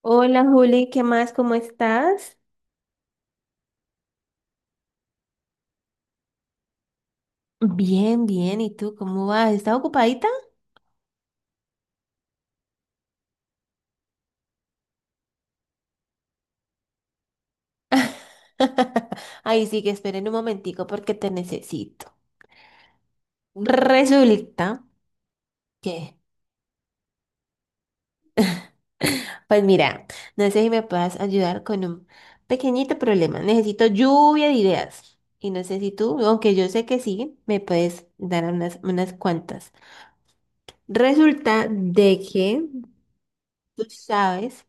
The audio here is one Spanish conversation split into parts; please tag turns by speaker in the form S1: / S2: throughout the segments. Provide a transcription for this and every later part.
S1: Hola Juli, ¿qué más? ¿Cómo estás? Bien, bien. ¿Y tú cómo vas? ¿Estás ocupadita? Ahí sí que esperen un momentico porque te necesito. Resulta que, pues mira, no sé si me puedas ayudar con un pequeñito problema. Necesito lluvia de ideas. Y no sé si tú, aunque yo sé que sí, me puedes dar unas cuantas. Resulta de que tú sabes.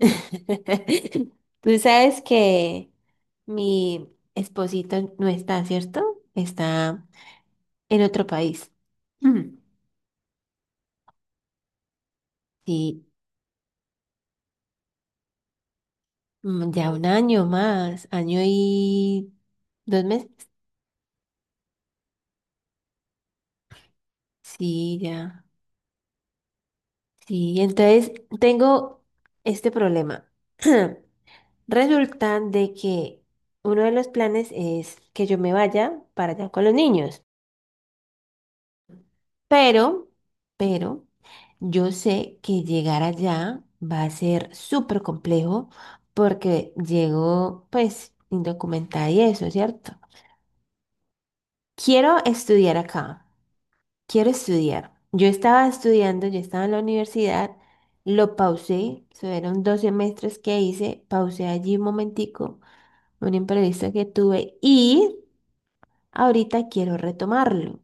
S1: Tú sabes que mi esposito no está, ¿cierto? Está en otro país. Mm. Sí, ya un año más, año y 2 meses. Sí, ya. Sí, entonces tengo este problema. Resulta de que uno de los planes es que yo me vaya para allá con los niños. Pero, pero, yo sé que llegar allá va a ser súper complejo porque llego, pues, indocumentada y eso, ¿cierto? Quiero estudiar acá, quiero estudiar. Yo estaba estudiando, yo estaba en la universidad, lo pausé, fueron dos semestres que hice, pausé allí un momentico, un imprevisto que tuve y ahorita quiero retomarlo.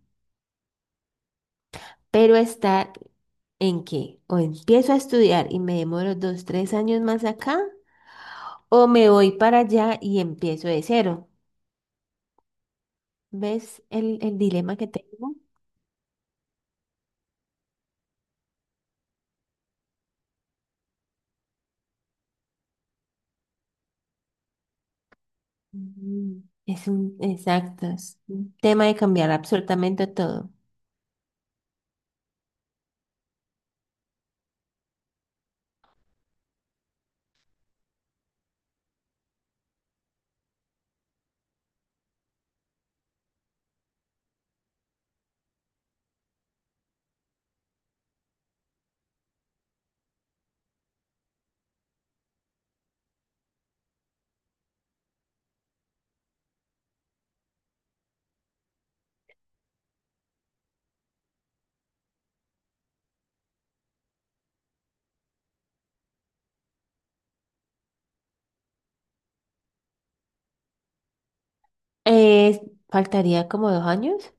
S1: Pero estar en que o empiezo a estudiar y me demoro dos, tres años más acá, o me voy para allá y empiezo de cero. ¿Ves el dilema que tengo? Mm. Exacto, es un tema de cambiar absolutamente todo. Eh, Faltaría como 2 años.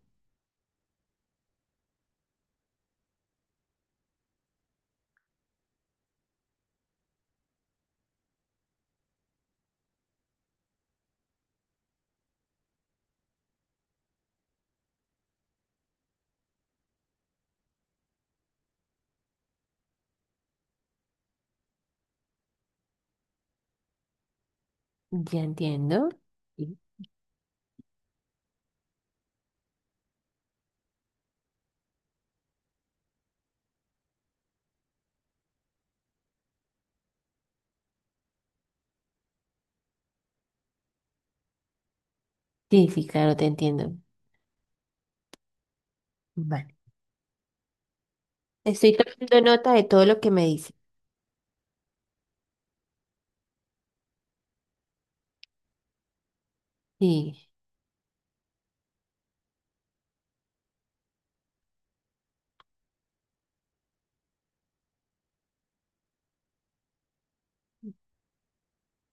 S1: Ya entiendo. Sí. Sí, sí, claro, te entiendo. Vale. Estoy tomando nota de todo lo que me dice. Sí,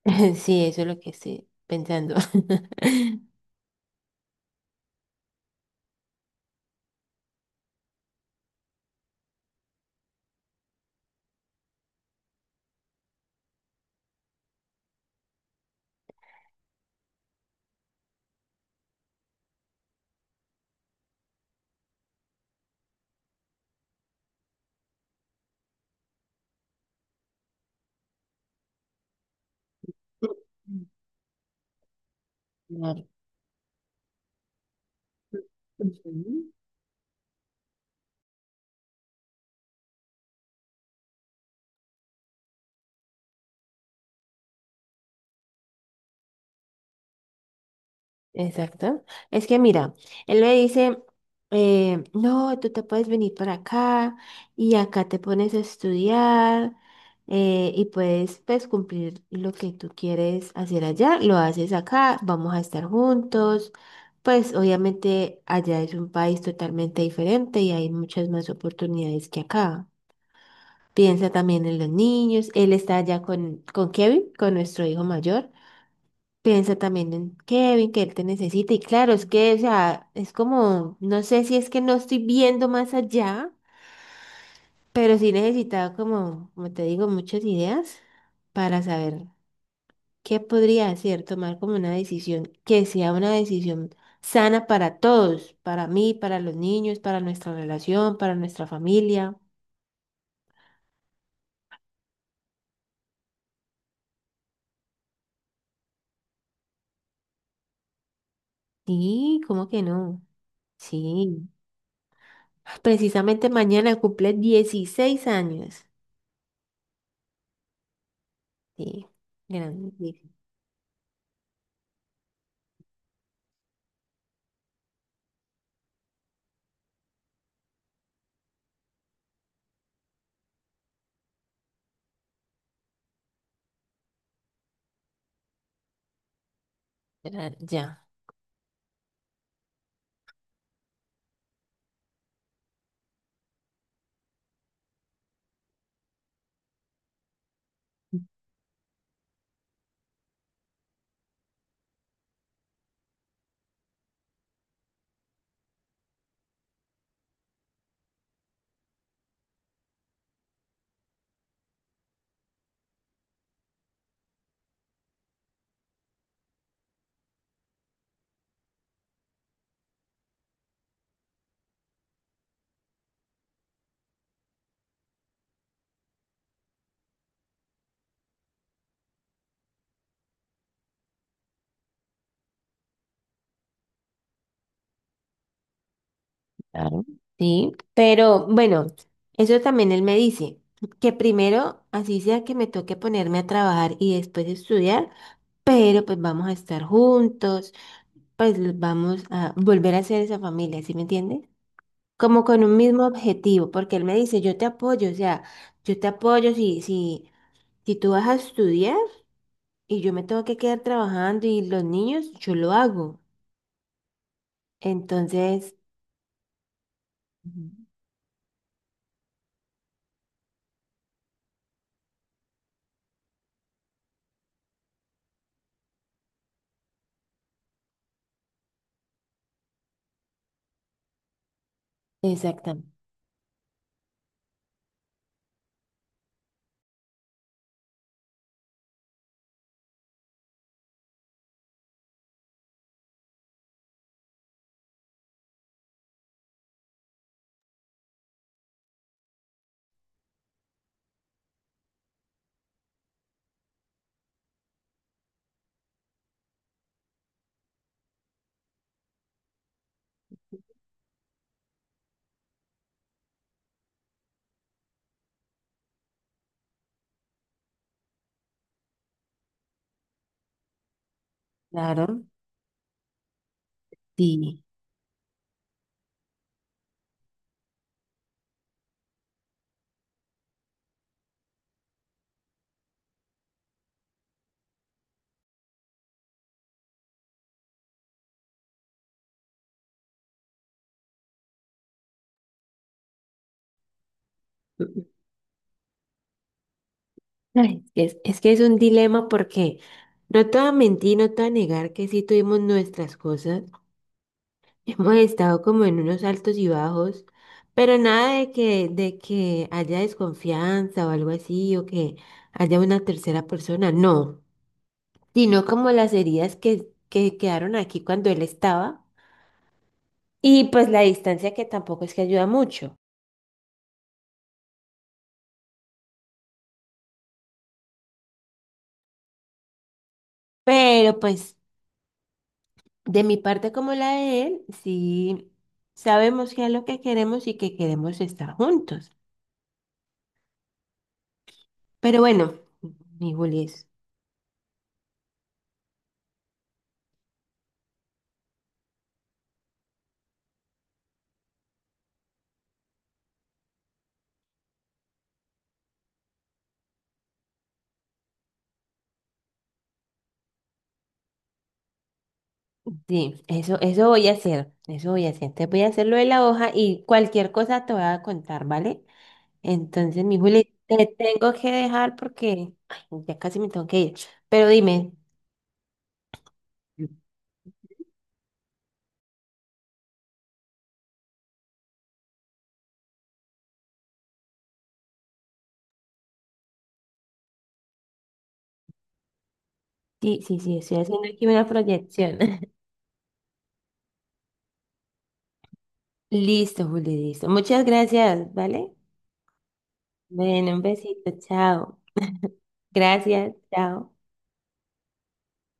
S1: sí, eso es lo que estoy pensando. Claro. Ujú. Exacto. Es que mira, él me dice, no, tú te puedes venir para acá y acá te pones a estudiar, y puedes pues, cumplir lo que tú quieres hacer allá, lo haces acá, vamos a estar juntos. Pues obviamente allá es un país totalmente diferente y hay muchas más oportunidades que acá. Piensa también en los niños. Él está allá con Kevin, con nuestro hijo mayor. Piensa también en Kevin, que él te necesita. Y claro, es que, o sea, es como, no sé si es que no estoy viendo más allá, pero sí necesitaba como, como te digo, muchas ideas para saber qué podría hacer, tomar como una decisión que sea una decisión sana para todos, para mí, para los niños, para nuestra relación, para nuestra familia. Sí, ¿cómo que no? Sí. Precisamente mañana cumple 16 años. Sí, grande. Ya. Claro. Sí, pero bueno, eso también él me dice, que primero, así sea que me toque ponerme a trabajar y después estudiar, pero pues vamos a estar juntos, pues vamos a volver a ser esa familia, ¿sí me entiendes? Como con un mismo objetivo, porque él me dice, yo te apoyo, o sea, yo te apoyo si tú vas a estudiar y yo me tengo que quedar trabajando y los niños, yo lo hago. Entonces, ujú, exactamente, claro, sí. Ay, es que es un dilema porque no te voy a mentir, no te voy a negar que sí tuvimos nuestras cosas. Hemos estado como en unos altos y bajos, pero nada de que haya desconfianza o algo así, o que haya una tercera persona, no, sino como las heridas que quedaron aquí cuando él estaba, y pues la distancia, que tampoco es que ayuda mucho, pero pues... De mi parte como la de él, sí sabemos qué es lo que queremos y que queremos estar juntos. Pero bueno, mi Julis, sí, eso voy a hacer, eso voy a hacer. Te voy a hacer lo de la hoja y cualquier cosa te voy a contar, ¿vale? Entonces, mi Juli, te tengo que dejar porque ay, ya casi me tengo que ir. Pero dime, sí, sí, sí, estoy haciendo aquí una proyección. Listo, Juli, listo. Muchas gracias, ¿vale? Bueno, un besito, chao. Gracias, chao.